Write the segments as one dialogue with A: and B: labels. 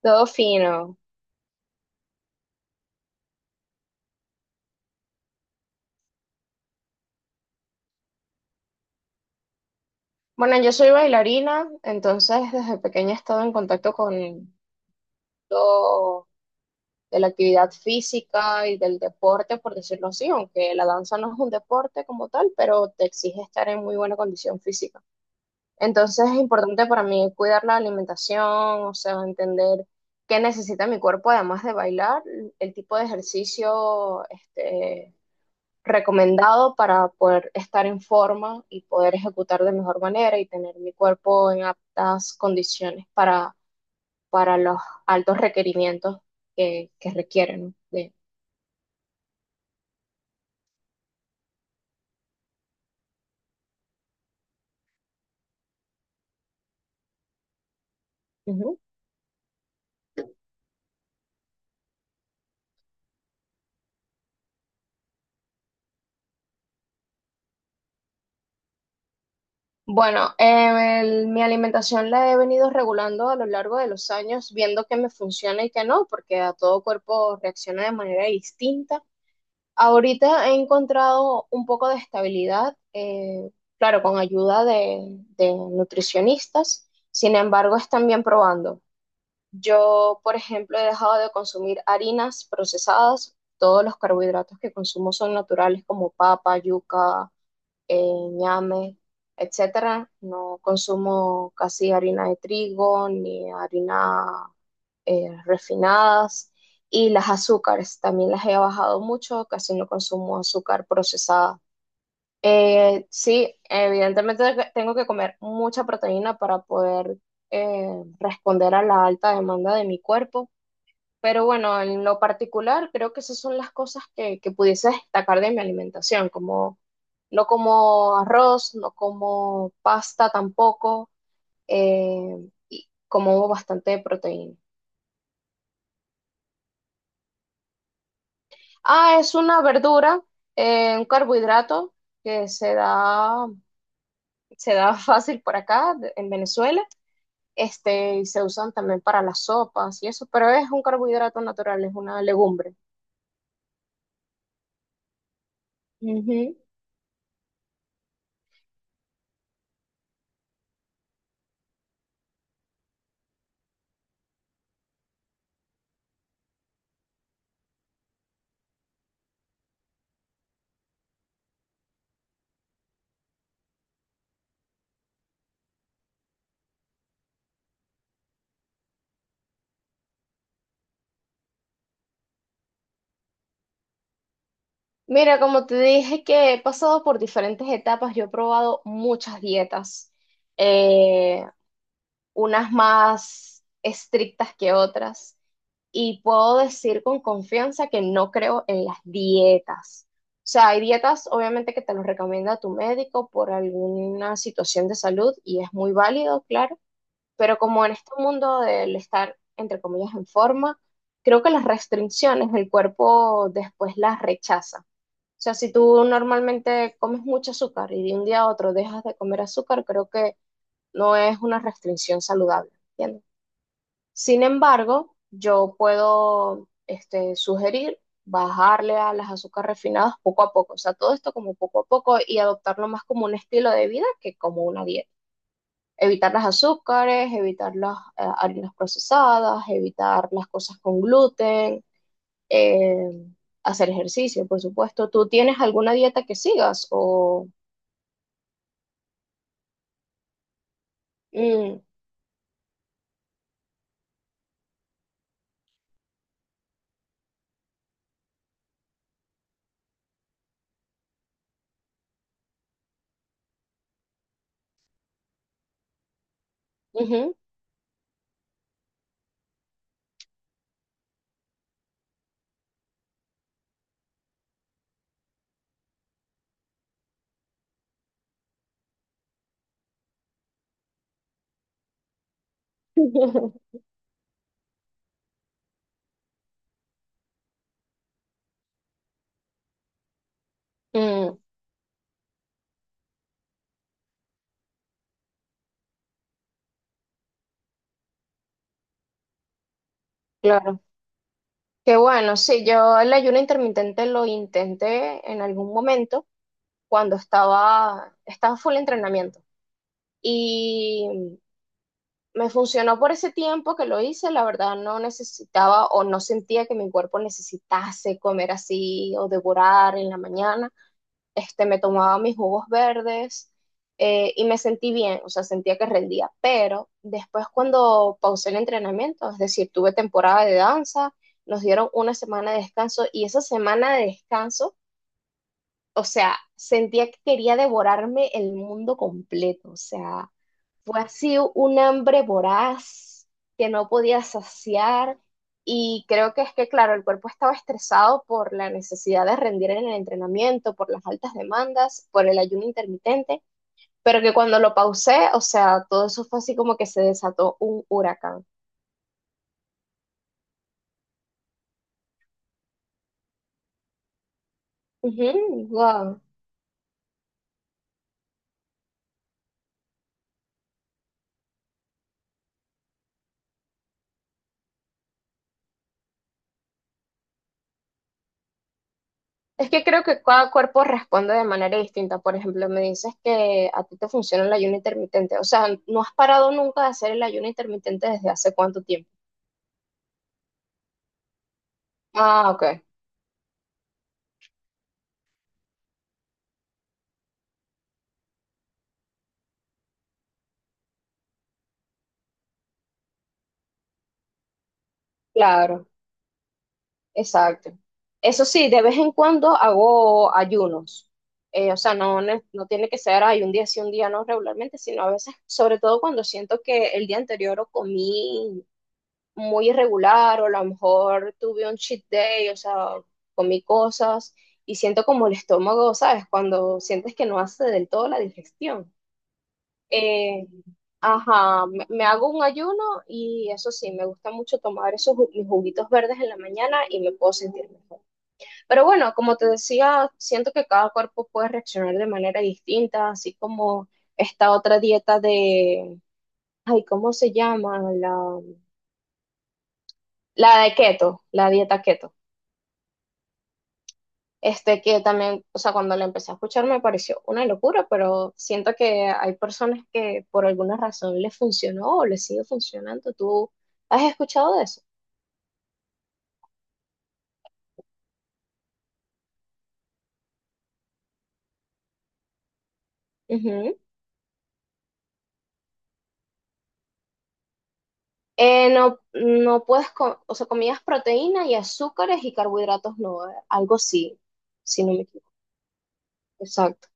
A: Todo fino. Bueno, yo soy bailarina, entonces desde pequeña he estado en contacto con todo de la actividad física y del deporte, por decirlo así, aunque la danza no es un deporte como tal, pero te exige estar en muy buena condición física. Entonces es importante para mí cuidar la alimentación, o sea, entender qué necesita mi cuerpo además de bailar, el tipo de ejercicio, recomendado para poder estar en forma y poder ejecutar de mejor manera y tener mi cuerpo en aptas condiciones para los altos requerimientos que requieren, ¿no? De, Ujú. Bueno, mi alimentación la he venido regulando a lo largo de los años, viendo qué me funciona y qué no, porque a todo cuerpo reacciona de manera distinta. Ahorita he encontrado un poco de estabilidad, claro, con ayuda de nutricionistas, sin embargo, están bien probando. Yo, por ejemplo, he dejado de consumir harinas procesadas, todos los carbohidratos que consumo son naturales como papa, yuca, eh, ñame, etcétera. No consumo casi harina de trigo ni harina refinadas y las azúcares. También las he bajado mucho, casi no consumo azúcar procesada. Sí, evidentemente tengo que comer mucha proteína para poder eh, responder a la alta demanda de mi cuerpo. Pero bueno, en lo particular, creo que esas son las cosas que pudiese destacar de mi alimentación, como no como arroz, no como pasta tampoco, eh, y como bastante proteína. Ah, es una verdura, un carbohidrato que se da fácil por acá, en Venezuela, y se usan también para las sopas y eso, pero es un carbohidrato natural, es una legumbre. Ujú. Mira, como te dije que he pasado por diferentes etapas, yo he probado muchas dietas. Eh, Unas más estrictas que otras. Y puedo decir con confianza que no creo en las dietas. O sea, hay dietas obviamente que te los recomienda tu médico por alguna situación de salud y es muy válido, claro, pero como en este mundo del estar, entre comillas, en forma, creo que las restricciones el cuerpo después las rechaza. O sea, si tú normalmente comes mucho azúcar y de un día a otro dejas de comer azúcar, creo que no es una restricción saludable, ¿entiendes? Sin embargo, yo puedo sugerir bajarle a las azúcares refinadas poco a poco, o sea, todo esto como poco a poco y adoptarlo más como un estilo de vida que como una dieta. Evitar las azúcares, evitar las harinas procesadas, evitar las cosas con gluten, eh, hacer ejercicio, por supuesto. ¿Tú tienes alguna dieta que sigas o... Mm, ujú. Mm, claro. Qué bueno, sí, yo el ayuno intermitente lo intenté en algún momento cuando estaba full entrenamiento y me funcionó por ese tiempo que lo hice, la verdad no necesitaba o no sentía que mi cuerpo necesitase comer así o devorar en la mañana, me tomaba mis jugos verdes, y me sentí bien, o sea, sentía que rendía. Pero después cuando pausé el entrenamiento, es decir, tuve temporada de danza, nos dieron una semana de descanso y esa semana de descanso, o sea, sentía que quería devorarme el mundo completo, o sea, fue así un hambre voraz que no podía saciar, y creo que es que, claro, el cuerpo estaba estresado por la necesidad de rendir en el entrenamiento, por las altas demandas, por el ayuno intermitente, pero que cuando lo pausé, o sea, todo eso fue así como que se desató un huracán. Ujú, guau. Es que creo que cada cuerpo responde de manera distinta. Por ejemplo, me dices que a ti te funciona el ayuno intermitente. O sea, ¿no has parado nunca de hacer el ayuno intermitente desde hace cuánto tiempo? Ah, ok. Claro, exacto. Eso sí, de vez en cuando hago ayunos. O sea, no tiene que ser hay un día sí, un día no regularmente, sino a veces, sobre todo cuando siento que el día anterior o comí muy irregular o a lo mejor tuve un cheat day, o sea, comí cosas y siento como el estómago, ¿sabes? Cuando sientes que no hace del todo la digestión. Eh, ajá, me hago un ayuno y eso sí, me gusta mucho tomar esos mis juguitos verdes en la mañana y me puedo sentir mejor. Pero bueno, como te decía, siento que cada cuerpo puede reaccionar de manera distinta, así como esta otra dieta de, ay, ¿cómo se llama? La de keto, la dieta keto. Este que también, o sea, cuando la empecé a escuchar me pareció una locura, pero siento que hay personas que por alguna razón les funcionó o les sigue funcionando. ¿Tú has escuchado de eso? Ujú. No, no puedes, o sea, comías proteína y azúcares y carbohidratos, no, algo así, si no me equivoco. Exacto.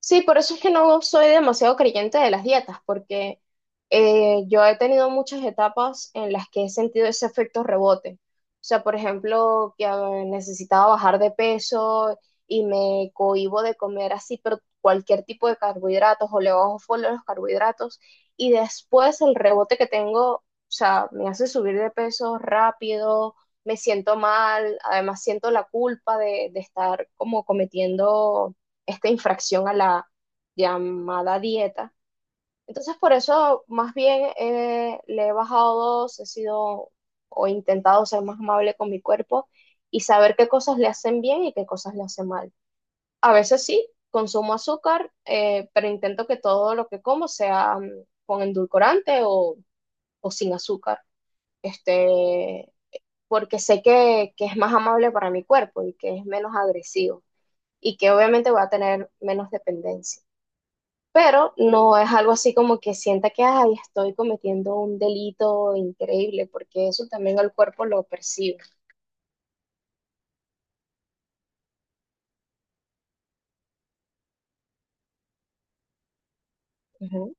A: Sí, por eso es que no soy demasiado creyente de las dietas, porque yo he tenido muchas etapas en las que he sentido ese efecto rebote. O sea, por ejemplo, que necesitaba bajar de peso y me cohíbo de comer así, pero cualquier tipo de carbohidratos o le bajo full a los carbohidratos y después el rebote que tengo, o sea, me hace subir de peso rápido, me siento mal, además siento la culpa de estar como cometiendo esta infracción a la llamada dieta. Entonces, por eso más bien le he bajado dos, he sido o intentado ser más amable con mi cuerpo y saber qué cosas le hacen bien y qué cosas le hacen mal. A veces sí, consumo azúcar, pero intento que todo lo que como sea mm, con endulcorante o sin azúcar, este, porque sé que es más amable para mi cuerpo y que es menos agresivo y que obviamente voy a tener menos dependencia. Pero no es algo así como que sienta que ay, estoy cometiendo un delito increíble, porque eso también el cuerpo lo percibe. Ujú.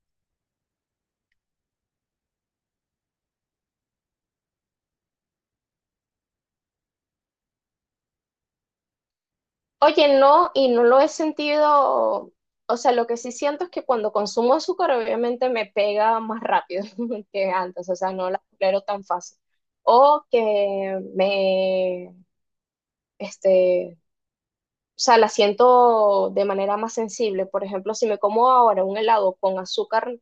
A: Oye, no, y no lo he sentido, o sea, lo que sí siento es que cuando consumo azúcar obviamente me pega más rápido que antes, o sea, no la tolero tan fácil. O que este, o sea, la siento de manera más sensible. Por ejemplo, si me como ahora un helado con azúcar,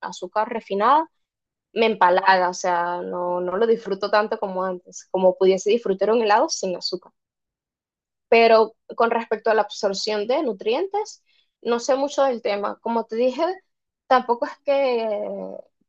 A: azúcar refinada, me empalaga, o sea, no, no lo disfruto tanto como antes, como pudiese disfrutar un helado sin azúcar. Pero con respecto a la absorción de nutrientes, no sé mucho del tema. Como te dije, tampoco es que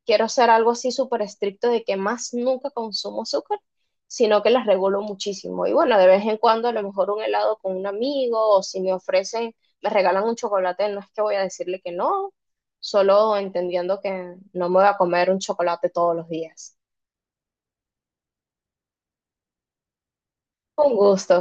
A: quiero hacer algo así súper estricto de que más nunca consumo azúcar, sino que las regulo muchísimo. Y bueno, de vez en cuando a lo mejor un helado con un amigo o si me ofrecen, me regalan un chocolate, no es que voy a decirle que no, solo entendiendo que no me voy a comer un chocolate todos los días. Un gusto.